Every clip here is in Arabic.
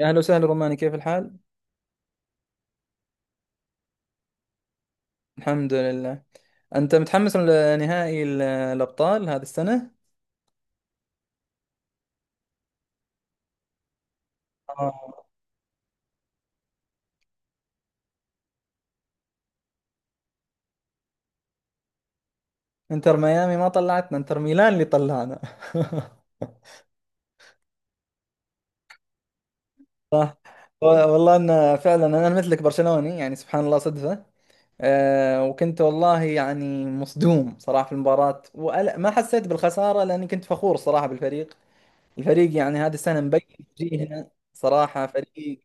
يا أهلا وسهلا روماني، كيف الحال؟ الحمد لله. أنت متحمس لنهائي الأبطال هذه السنة؟ آه. إنتر ميامي ما طلعتنا، إنتر ميلان اللي طلعنا. صح. والله أن فعلا أنا مثلك برشلوني، يعني سبحان الله صدفة. وكنت والله يعني مصدوم صراحة في المباراة وما حسيت بالخسارة لأني كنت فخور صراحة بالفريق. الفريق يعني هذه السنة مبين وجيهنا، صراحة فريق،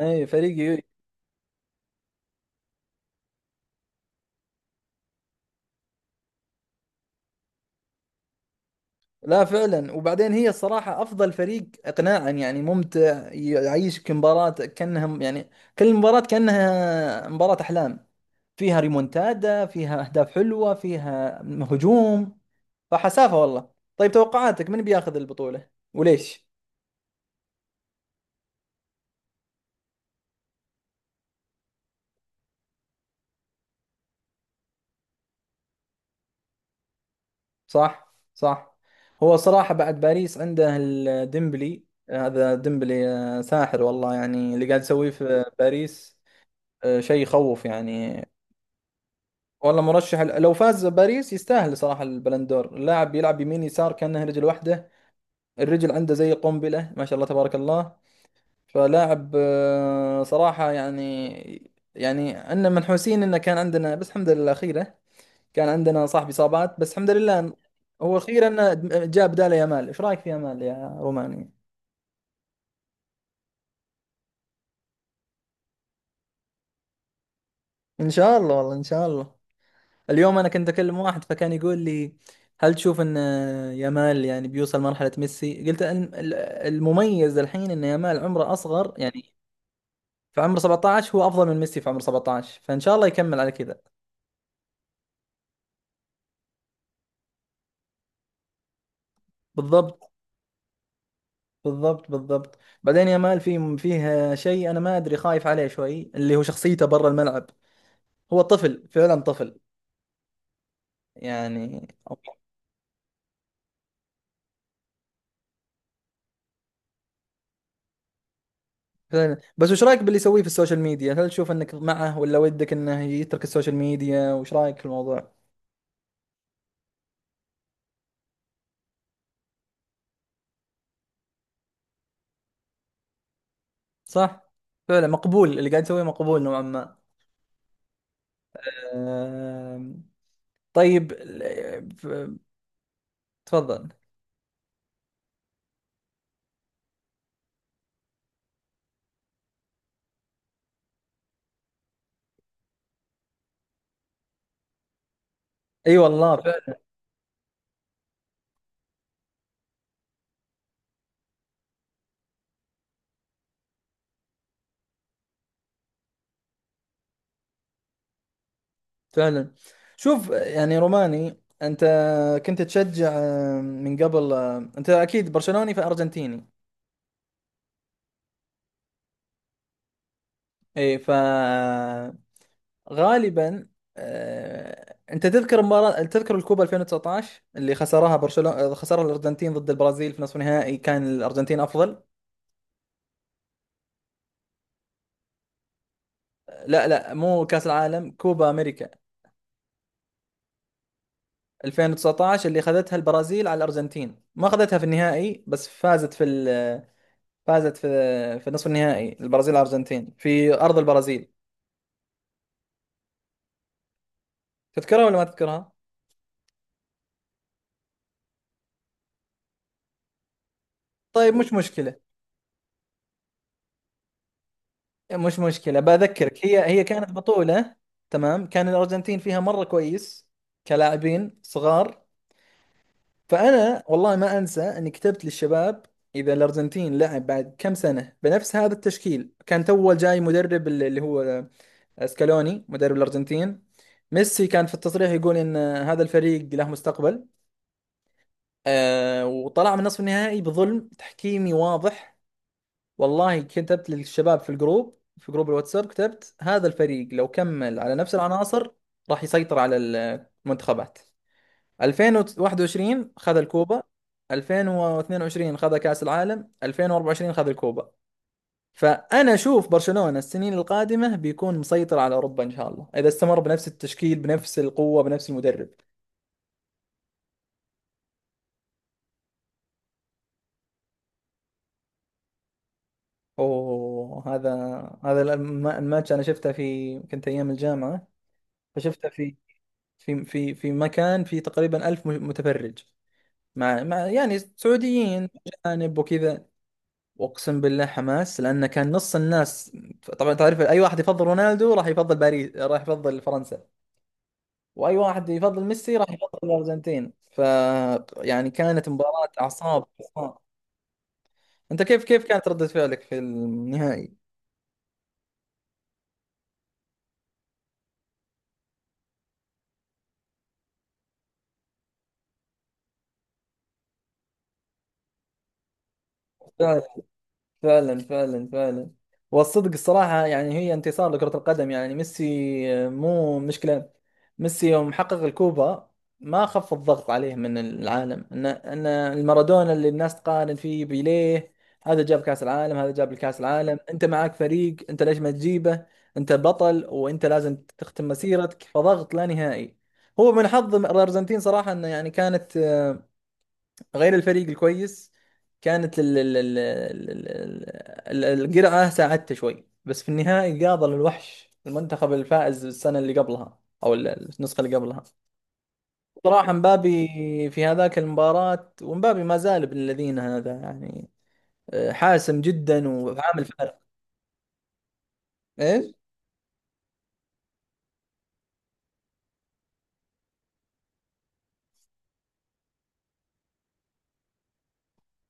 أي فريق. لا فعلا، وبعدين هي الصراحة أفضل فريق إقناعا، يعني ممتع، يعيشك مباراة كأنها يعني كل مباراة كأنها مباراة أحلام، فيها ريمونتادا، فيها أهداف حلوة، فيها هجوم. فحسافة والله. طيب، توقعاتك من بياخذ البطولة وليش؟ صح صح. هو صراحة بعد باريس عنده الديمبلي. هذا ديمبلي ساحر والله، يعني اللي قاعد يسويه في باريس شيء يخوف يعني. والله مرشح، لو فاز باريس يستاهل صراحة البلندور. اللاعب بيلعب يمين يسار كأنه رجل واحدة. الرجل عنده زي قنبلة، ما شاء الله تبارك الله. فلاعب صراحة يعني عندنا منحوسين انه كان عندنا، بس الحمد لله خيرة. كان عندنا صاحب اصابات، بس الحمد لله هو خير انه جاب بداله يامال. ايش رايك في يامال يا روماني؟ ان شاء الله، والله ان شاء الله. اليوم انا كنت اكلم واحد فكان يقول لي هل تشوف ان يامال يعني بيوصل مرحلة ميسي؟ قلت ان المميز الحين ان يامال عمره اصغر يعني، في عمر 17 هو افضل من ميسي في عمر 17، فان شاء الله يكمل على كذا. بالضبط بالضبط بالضبط. بعدين يامال فيه شيء انا ما ادري، خايف عليه شوي اللي هو شخصيته برا الملعب. هو طفل، فعلا طفل يعني. فعلا. بس وش رايك باللي يسويه في السوشيال ميديا؟ هل تشوف انك معه ولا ودك انه يترك السوشيال ميديا؟ وش رايك في الموضوع؟ صح. فعلا مقبول، اللي قاعد تسويه مقبول نوعا ما. آم، طيب تفضل. اي والله، فعلا فعلا. شوف يعني روماني، انت كنت تشجع من قبل، انت اكيد برشلوني فارجنتيني؟ اي فغالبا. انت تذكر مباراة، تذكر الكوبا 2019 اللي خسرها برشلونة، خسرها الارجنتين ضد البرازيل في نصف نهائي، كان الارجنتين افضل. لا لا، مو كأس العالم، كوبا امريكا 2019 اللي اخذتها البرازيل على الارجنتين، ما اخذتها في النهائي بس فازت في ال... فازت في نصف النهائي، البرازيل على الارجنتين في ارض البرازيل. تذكرها ولا ما تذكرها؟ طيب مش مشكله، مش مشكله، بذكرك، هي كانت بطوله. تمام. كان الارجنتين فيها مره كويس كلاعبين صغار. فانا والله ما انسى اني كتبت للشباب اذا الارجنتين لعب بعد كم سنه بنفس هذا التشكيل، كان تو جاي مدرب اللي هو سكالوني مدرب الأرجنتين. ميسي كان في التصريح يقول إن هذا الفريق له مستقبل. وطلع من نصف النهائي بظلم تحكيمي واضح. والله كتبت للشباب في الجروب، في جروب الواتساب كتبت هذا الفريق لو كمل على نفس العناصر راح يسيطر على المنتخبات. 2021 خذ الكوبا، 2022 خذ كأس العالم، 2024 خذ الكوبا. فأنا أشوف برشلونة السنين القادمة بيكون مسيطر على أوروبا إن شاء الله، إذا استمر بنفس التشكيل بنفس القوة بنفس المدرب. أوه، هذا الماتش أنا شفته كنت أيام الجامعة، فشفته في مكان فيه تقريبا ألف متفرج. مع يعني سعوديين أجانب وكذا. وأقسم بالله حماس، لأن كان نص الناس طبعا تعرف، أي واحد يفضل رونالدو راح يفضل باريس راح يفضل فرنسا، واي واحد يفضل ميسي راح يفضل الارجنتين. ف يعني كانت مباراة اعصاب. انت كيف كانت ردة فعلك في النهائي؟ فعلا فعلا فعلا. والصدق الصراحة يعني هي انتصار لكرة القدم يعني، ميسي مو مشكلة. ميسي يوم حقق الكوبا، ما خف الضغط عليه من العالم ان المارادونا اللي الناس تقارن فيه بيليه، هذا جاب كأس العالم، هذا جاب الكأس العالم، انت معك فريق انت، ليش ما تجيبه؟ انت بطل وانت لازم تختم مسيرتك، فضغط لا نهائي. هو من حظ الارجنتين صراحة انه يعني كانت غير الفريق الكويس، كانت ال ال- القرعة ساعدته شوي، بس في النهائي قاضى للوحش، المنتخب الفائز السنة اللي قبلها أو النسخة اللي قبلها. صراحة مبابي في هذاك المباراة، ومبابي ما زال ابن الذين هذا يعني حاسم جدا وعامل فارق. ايش؟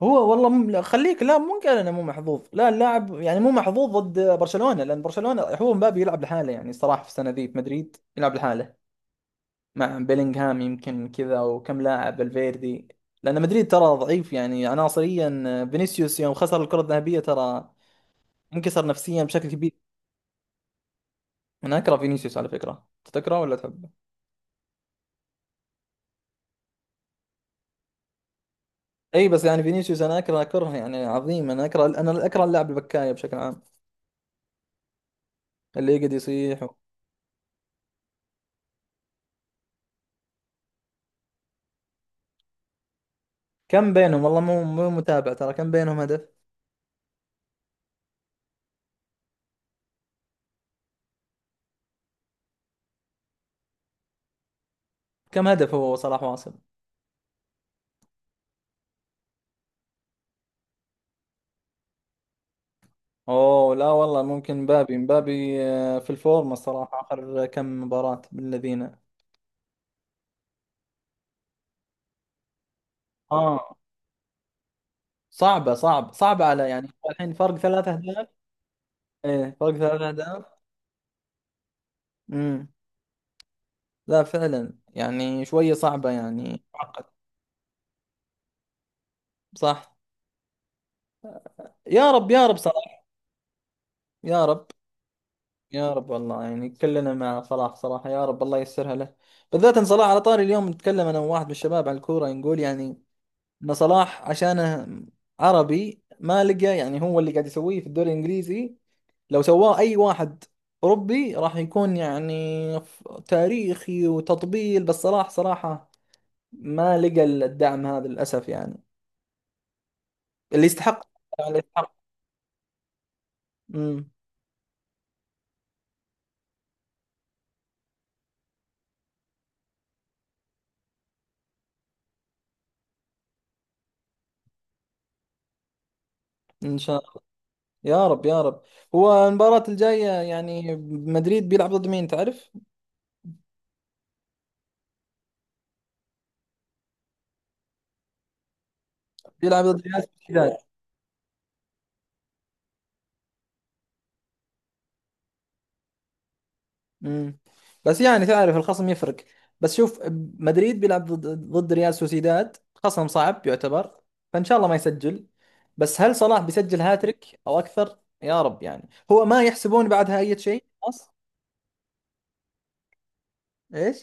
هو والله لا، خليك، لا مو قال انا مو محظوظ، لا اللاعب يعني مو محظوظ ضد برشلونة لان برشلونة، هو مبابي يلعب لحاله يعني، صراحة في السنة ذي في مدريد يلعب لحاله مع بيلينغهام يمكن، كذا وكم لاعب الفيردي، لان مدريد ترى ضعيف يعني عناصريا. فينيسيوس يوم خسر الكرة الذهبية ترى منكسر نفسيا بشكل كبير. انا اكره فينيسيوس على فكرة، أنت تكرهه ولا تحبه؟ اي بس يعني فينيسيوس انا اكره كره يعني عظيم، انا اكره، انا اكره اللاعب البكاية بشكل عام، اللي يقعد يصيح و... كم بينهم والله مو متابع، ترى كم بينهم هدف؟ كم هدف هو صلاح واصل؟ اوه لا والله، ممكن مبابي في الفورمة الصراحة، اخر كم مباراة بالذين. اه. صعبة، صعبة على، يعني هو الحين فرق ثلاث أهداف. إيه، فرق ثلاث أهداف. امم. لا فعلا يعني شوية صعبة يعني، معقد. صح. يا رب يا رب صلاح. يا رب. يا رب والله يعني كلنا مع صلاح صراحة، يا رب الله ييسرها له. بالذات إن صلاح على طاري. اليوم نتكلم أنا وواحد من الشباب على الكورة نقول يعني إن صلاح عشانه عربي ما لقى، يعني هو اللي قاعد يسويه في الدوري الإنجليزي لو سواه أي واحد أوروبي راح يكون يعني تاريخي وتطبيل، بس صلاح صراحة ما لقى الدعم هذا للأسف يعني، اللي يستحق، اللي يستحق. امم. إن شاء الله. يا رب يا رب. هو المباراة الجاية يعني مدريد بيلعب ضد مين تعرف؟ بيلعب ضد ريال سوسيداد. مم. بس يعني تعرف الخصم يفرق. بس شوف، مدريد بيلعب ضد ريال سوسيداد، خصم صعب يعتبر. فان شاء الله ما يسجل، بس هل صلاح بيسجل هاتريك او اكثر؟ يا رب يعني هو ما يحسبون بعدها اي شيء خلاص. ايش؟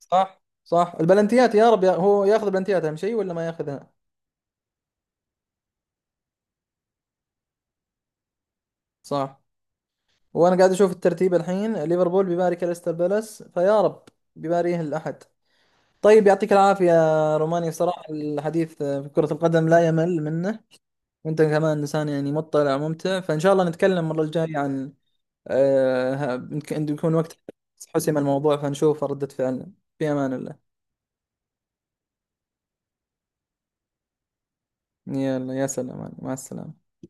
صح صح. البلنتيات يا رب، يا هو ياخذ بلنتيات اهم شيء ولا ما ياخذها؟ صح. وانا قاعد اشوف الترتيب الحين، ليفربول بيباري كريستال بالاس، فيا رب، بيباريه الاحد. طيب يعطيك العافية روماني، صراحة الحديث في كرة القدم لا يمل منه، وانت كمان انسان يعني مطلع وممتع. فان شاء الله نتكلم المره الجايه عن يمكن يكون وقت حسم الموضوع فنشوف ردة فعلنا. في امان الله. يلا يا سلام، مع السلامه.